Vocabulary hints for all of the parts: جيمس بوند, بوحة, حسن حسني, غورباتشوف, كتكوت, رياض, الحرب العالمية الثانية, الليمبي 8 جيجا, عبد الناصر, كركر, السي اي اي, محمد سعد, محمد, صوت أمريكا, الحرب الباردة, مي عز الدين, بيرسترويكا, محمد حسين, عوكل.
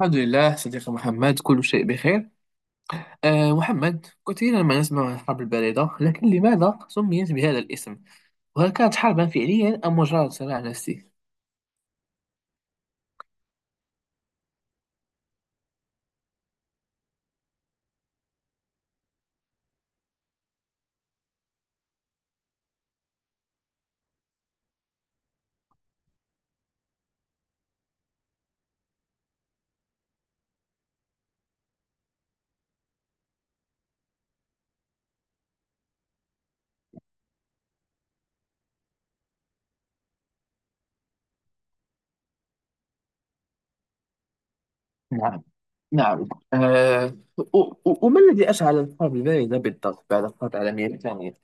الحمد لله صديقي محمد، كل شيء بخير. محمد، كثيرا ما نسمع عن الحرب الباردة، لكن لماذا سميت بهذا الاسم؟ وهل كانت حربا فعليا أم مجرد صراع نفسي؟ نعم. نعم، وما الذي أشعل الحرب الباردة بالضبط بعد الحرب العالمية الثانية؟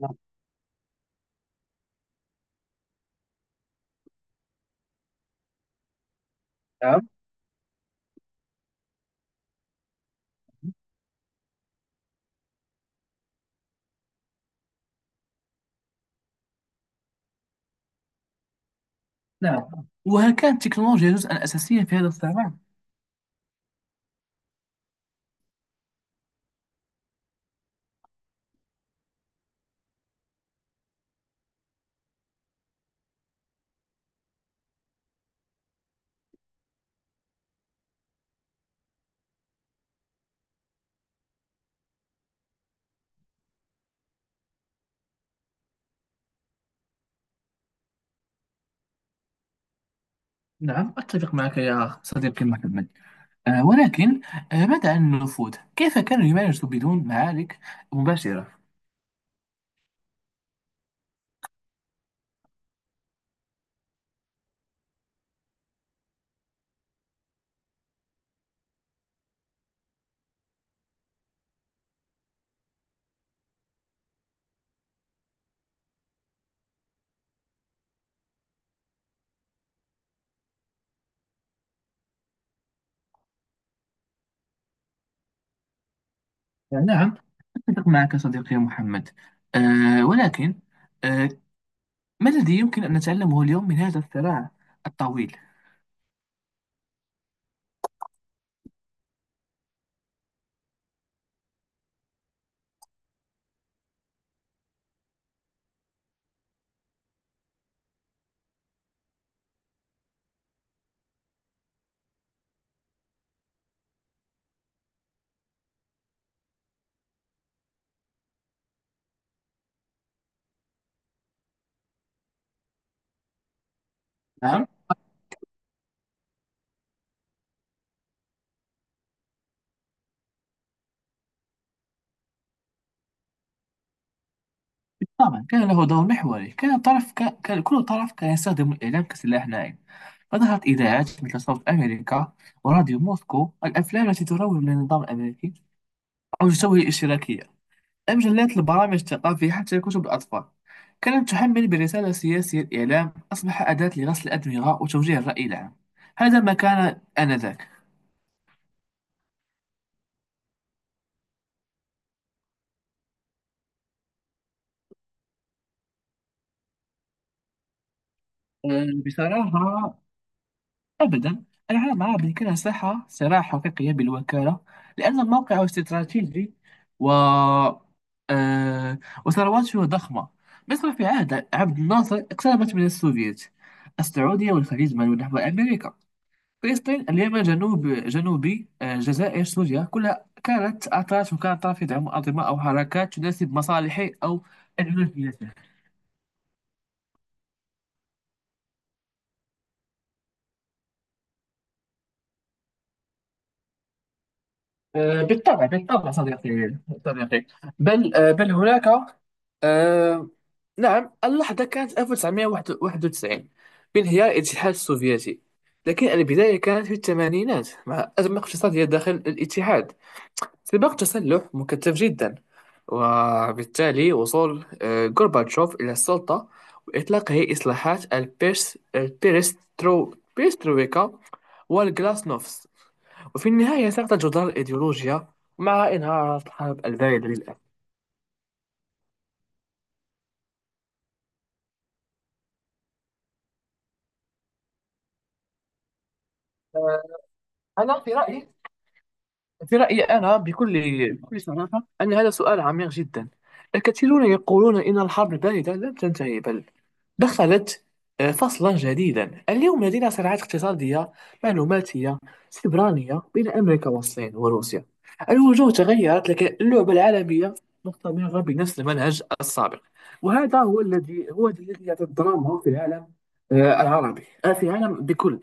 نعم. نعم. نعم، وهل كانت التكنولوجيا جزءا أساسيا في هذا الصراع؟ نعم، أتفق معك يا صديقي محمد. ولكن، ماذا عن النفوذ؟ كيف كانوا يمارسوا بدون معارك مباشرة؟ يعني نعم، أتفق معك صديقي يا محمد. ولكن، أه ما الذي يمكن أن نتعلمه اليوم من هذا الصراع الطويل؟ نعم. طبعا كان له دور محوري. كان كل طرف كان يستخدم الإعلام كسلاح ناعم، فظهرت إذاعات مثل صوت أمريكا وراديو موسكو، الأفلام التي تروج للنظام الأمريكي أو تسوي الاشتراكية، مجلات البرامج الثقافية، حتى كتب الأطفال كانت تحمل برسالة سياسية. الإعلام أصبح أداة لغسل الأدمغة وتوجيه الرأي العام، هذا ما كان آنذاك. بصراحة أبدا، أنا مع بأن كان ساحة صراع حقيقية بالوكالة، لأن موقعه استراتيجي و أه، وثرواته ضخمة. مصر في عهد عبد الناصر اقتربت من السوفيت، السعودية والخليج مالوا نحو أمريكا، فلسطين اليمن جنوب جنوبي الجزائر سوريا، كلها كانت أطراف، وكانت طرف يدعم أنظمة أو حركات تناسب مصالحه أو أنانيته. بالطبع بالطبع صديقي، صديقي، بل هناك، آه، نعم، اللحظة كانت 1991 بانهيار الاتحاد السوفيتي. لكن البداية كانت في الثمانينات مع أزمة اقتصادية داخل الاتحاد، سباق تسلح مكثف جدا، وبالتالي وصول غورباتشوف إلى السلطة وإطلاقه إصلاحات البيرس البيرسترو بيرسترويكا والغلاسنوفس. وفي النهاية سقطت جدار الإيديولوجيا مع انهيار الحرب الباردة للأسف. آه، أنا في رأيي، أنا بكل بكل صراحة أن هذا سؤال عميق جدا. الكثيرون يقولون إن الحرب الباردة لم تنتهي، بل دخلت فصلا جديدا. اليوم لدينا صراعات اقتصادية، معلوماتية، سبرانية بين أمريكا والصين وروسيا. الوجوه تغيرت لكن اللعبة العالمية مستمرة بنفس المنهج السابق. وهذا هو الذي هو الذي يعطي الدراما في العالم العربي، في العالم بكل.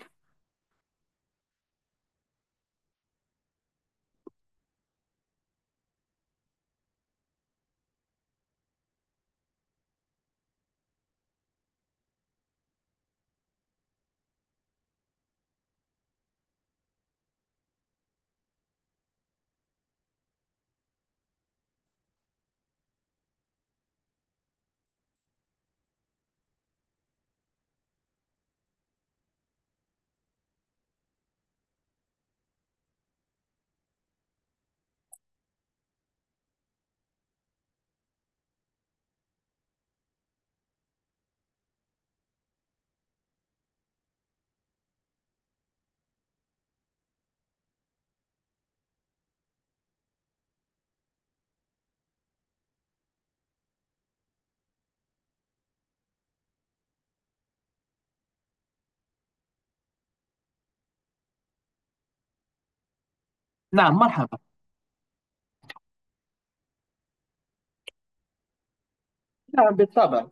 نعم، مرحبا. نعم بالطبع.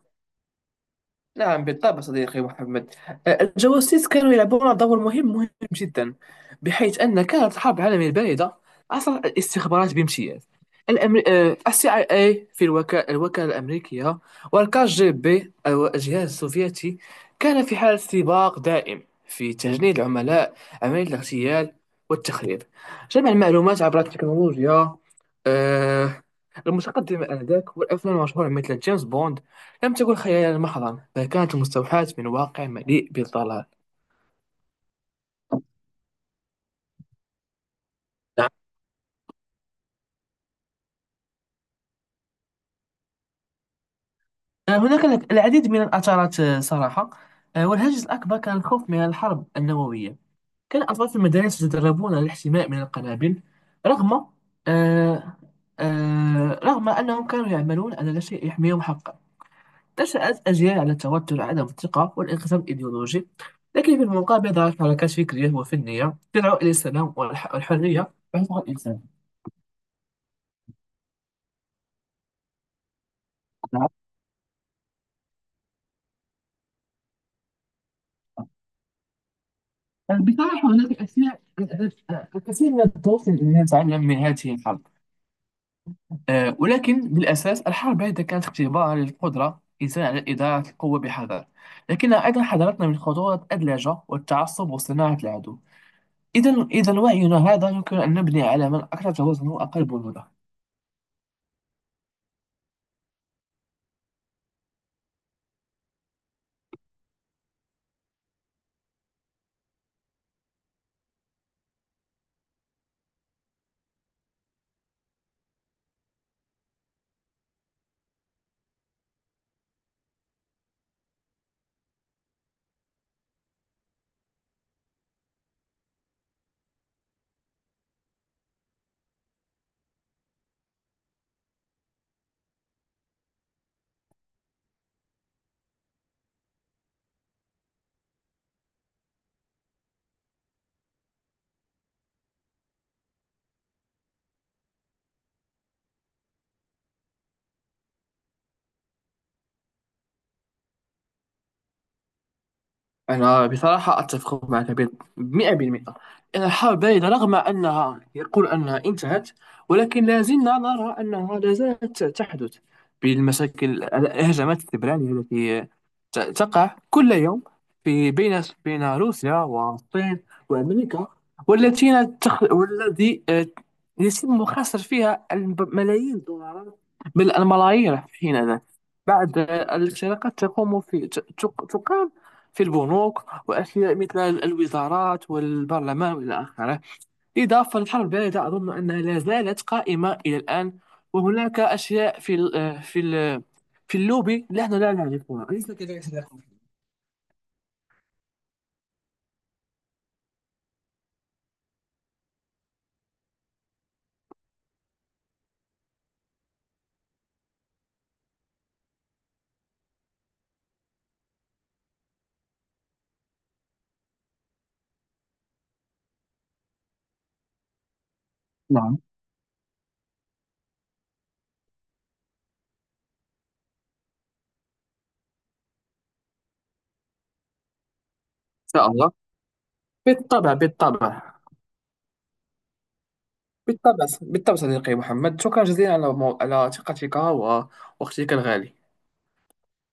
نعم بالطبع صديقي محمد. الجواسيس كانوا يلعبون دور مهم، مهم جدا، بحيث أن كانت الحرب العالمية الباردة عصر الاستخبارات بامتياز. الأمر... أه، السي اي اي في الوكالة، الوكالة الأمريكية، والكاج جي بي أو الجهاز السوفيتي، كان في حالة سباق دائم في تجنيد العملاء، عملية الاغتيال والتخريب، جمع المعلومات عبر التكنولوجيا آه، المتقدمة آنذاك. والأفلام المشهورة مثل جيمس بوند لم تكن خيالا محضا، بل كانت مستوحاة من واقع مليء بالضلال. نعم. هناك العديد من الآثارات صراحة. والهاجس الأكبر كان الخوف من الحرب النووية. كان الأطفال في المدارس يتدربون على الاحتماء من القنابل، رغم، آه، رغم أنهم كانوا يعملون على لا شيء يحميهم حقا. نشأت أجيال على التوتر، عدم الثقة والانقسام الإيديولوجي. لكن في المقابل ظهرت حركات فكرية وفنية تدعو إلى السلام والحرية بحيث الإنسان. نعم. بصراحة هناك أشياء، الكثير من الطرق التي نتعلم من هذه الحرب. ولكن بالأساس الحرب هذه كانت اختبار للقدرة الإنسان على إدارة القوة بحذر، لكنها أيضا حذرتنا من خطورة اللهجة والتعصب وصناعة العدو. إذا إذا وعينا هذا يمكن أن نبني على من أكثر توازنا وأقل بنودا. أنا بصراحة أتفق معك 100%. إن الحرب باردة رغم أنها يقول أنها انتهت، ولكن لا زلنا نرى أنها لا زالت تحدث بالمشاكل، الهجمات السبرانية التي تقع كل يوم في بين روسيا والصين وأمريكا، والذي يتم خسر فيها ملايين الدولارات، بل الملايير حين ذاك، بعد الاشتراكات تقوم في تقام في البنوك وأشياء مثل الوزارات والبرلمان وإلى آخره. إضافة للحرب الباردة، أظن أنها لا زالت قائمة إلى الآن، وهناك أشياء في ال آه، في ال في اللوبي نحن لا نعرفها، أليس كذلك صديقي؟ نعم. إن شاء الله، بالطبع بالطبع. بالطبع بالطبع صديقي محمد، شكرا جزيلا على على ثقتك ووقتك الغالي.